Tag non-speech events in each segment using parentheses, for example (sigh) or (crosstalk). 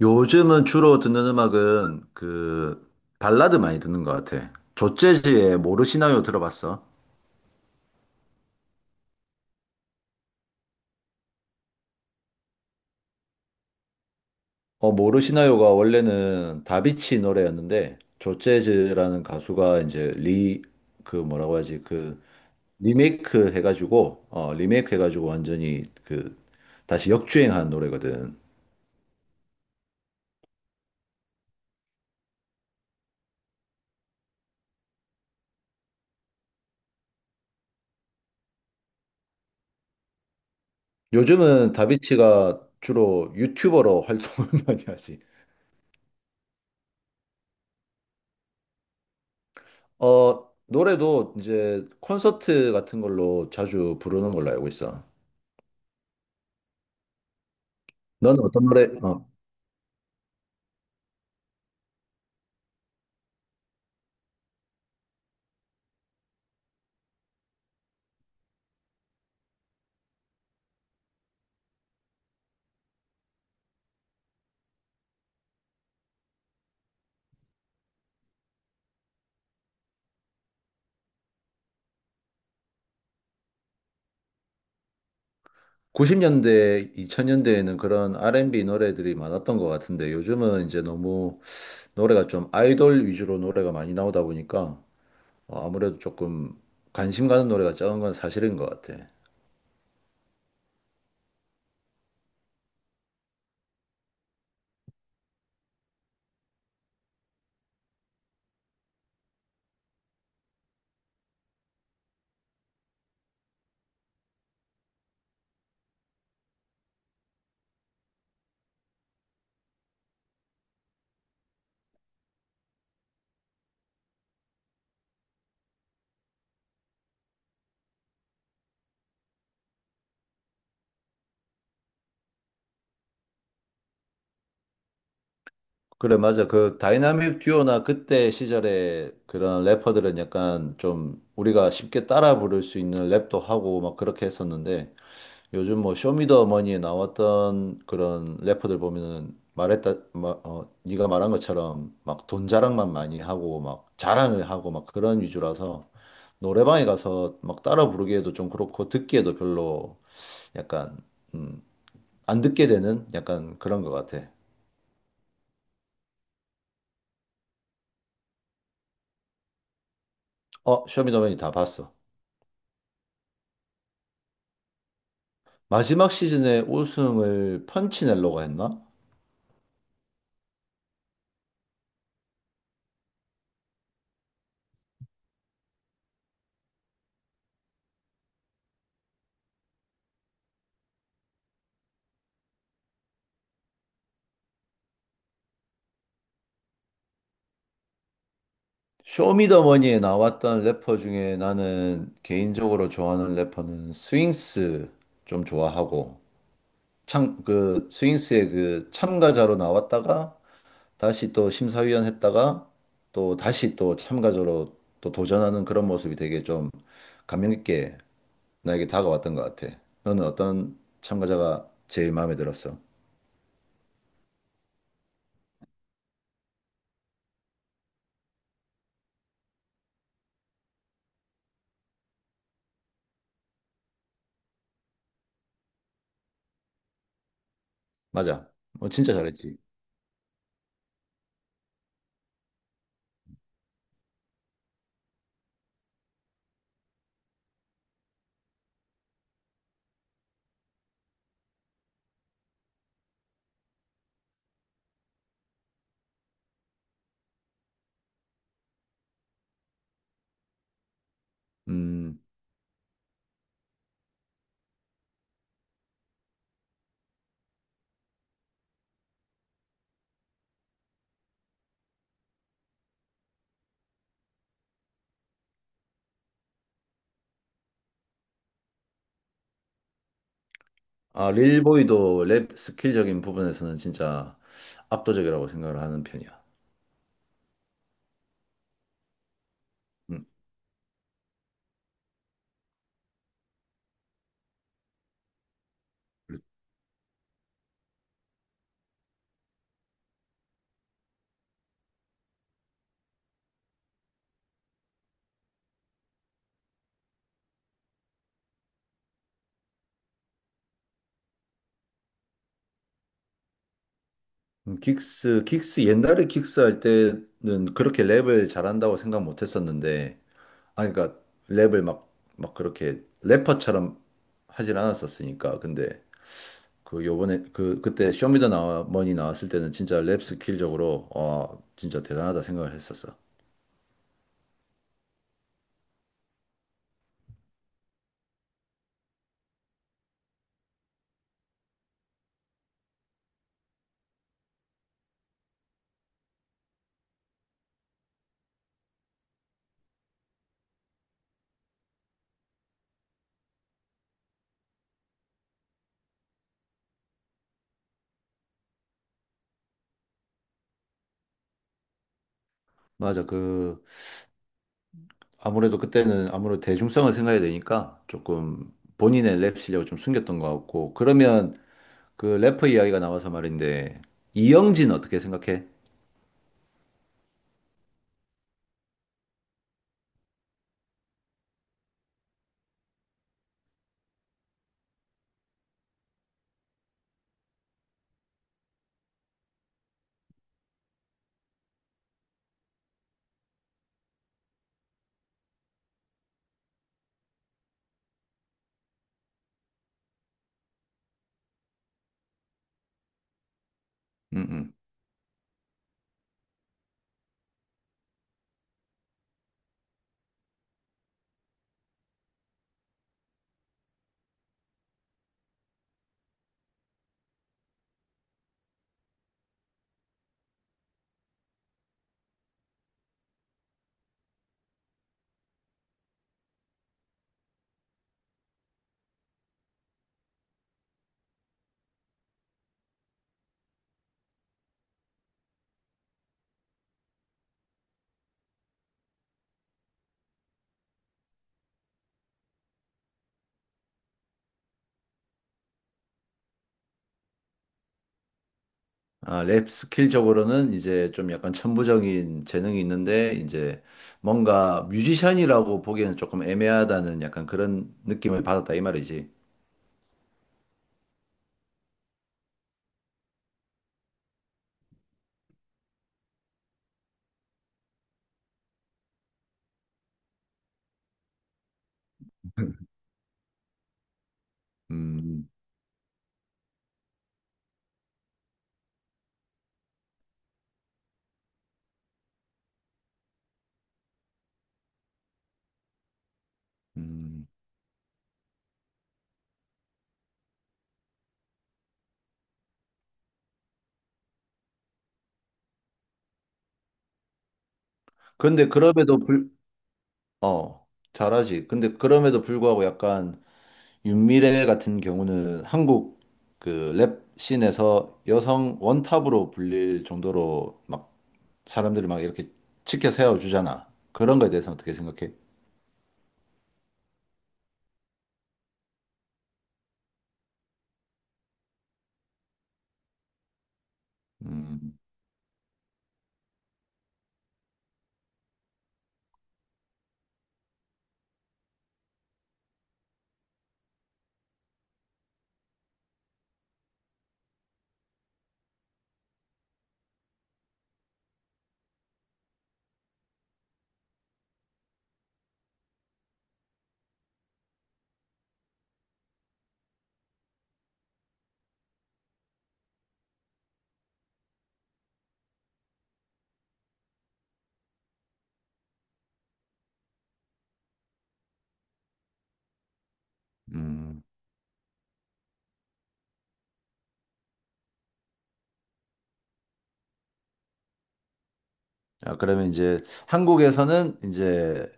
요즘은 주로 듣는 음악은 발라드 많이 듣는 것 같아. 조재즈의 모르시나요 들어봤어? 어, 모르시나요가 원래는 다비치 노래였는데 조재즈라는 가수가 이제 리 그 뭐라고 하지? 리메이크 해가지고 리메이크 해가지고 완전히 다시 역주행한 노래거든. 요즘은 다비치가 주로 유튜버로 (laughs) 활동을 많이 하지. 어, 노래도 이제 콘서트 같은 걸로 자주 부르는 걸로 알고 있어. 너는 어떤 노래? 어, 90년대, 2000년대에는 그런 R&B 노래들이 많았던 것 같은데 요즘은 이제 너무 노래가 좀 아이돌 위주로 노래가 많이 나오다 보니까 아무래도 조금 관심 가는 노래가 적은 건 사실인 것 같아. 그래, 맞아. 그 다이나믹 듀오나 그때 시절에 그런 래퍼들은 약간 좀 우리가 쉽게 따라 부를 수 있는 랩도 하고 막 그렇게 했었는데 요즘 뭐 쇼미더머니에 나왔던 그런 래퍼들 보면은 네가 말한 것처럼 막 돈 자랑만 많이 하고 막 자랑을 하고 막 그런 위주라서 노래방에 가서 막 따라 부르기에도 좀 그렇고 듣기에도 별로 약간 음, 안 듣게 되는 약간 그런 것 같아. 어, 쇼미더머니 다 봤어. 마지막 시즌에 우승을 펀치넬로가 했나? 쇼미더머니에 나왔던 래퍼 중에 나는 개인적으로 좋아하는 래퍼는 스윙스 좀 좋아하고 참 그 스윙스의 그 참가자로 나왔다가 다시 또 심사위원 했다가 또 다시 또 참가자로 또 도전하는 그런 모습이 되게 좀 감명 깊게 나에게 다가왔던 것 같아. 너는 어떤 참가자가 제일 마음에 들었어? 맞아. 뭐 진짜 잘했지. 음. 아, 릴보이도 랩 스킬적인 부분에서는 진짜 압도적이라고 생각을 하는 편이야. 음. 긱스 옛날에 긱스 할 때는 그렇게 랩을 잘한다고 생각 못 했었는데, 아, 그러니까 랩을 막 그렇게 래퍼처럼 하진 않았었으니까. 근데 그 요번에, 그때 쇼미더 나 머니 나왔을 때는 진짜 랩 스킬적으로, 와, 진짜 대단하다 생각을 했었어. 맞아. 아무래도 그때는 아무래도 대중성을 생각해야 되니까 조금 본인의 랩 실력을 좀 숨겼던 것 같고 그러면 그 래퍼 이야기가 나와서 말인데 이영진 어떻게 생각해? 음, 음. 아, 랩 스킬적으로는 이제 좀 약간 천부적인 재능이 있는데 이제 뭔가 뮤지션이라고 보기에는 조금 애매하다는 약간 그런 느낌을 받았다 이 말이지. 음, 음. 그런데 그럼에도 어, 잘하지. 근데 그럼에도 불구하고 약간 윤미래 같은 경우는 한국 그 랩 씬에서 여성 원탑으로 불릴 정도로 막 사람들을 막 이렇게 치켜 세워주잖아. 그런 거에 대해서 어떻게 생각해? 음, 음. 아, 그러면 이제 한국에서는 이제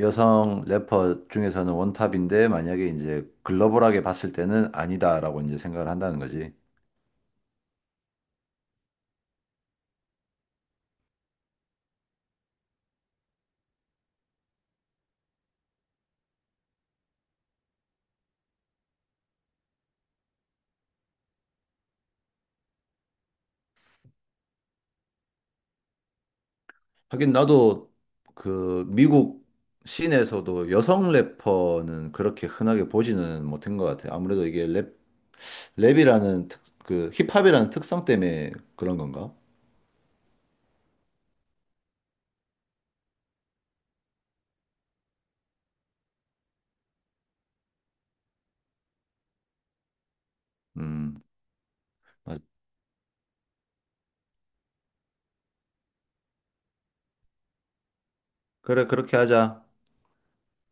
여성 래퍼 중에서는 원탑인데 만약에 이제 글로벌하게 봤을 때는 아니다라고 이제 생각을 한다는 거지. 하긴 나도 그 미국 씬에서도 여성 래퍼는 그렇게 흔하게 보지는 못한 것 같아. 아무래도 이게 랩, 그 힙합이라는 특성 때문에 그런 건가? 음, 맞- 그래, 그렇게 하자.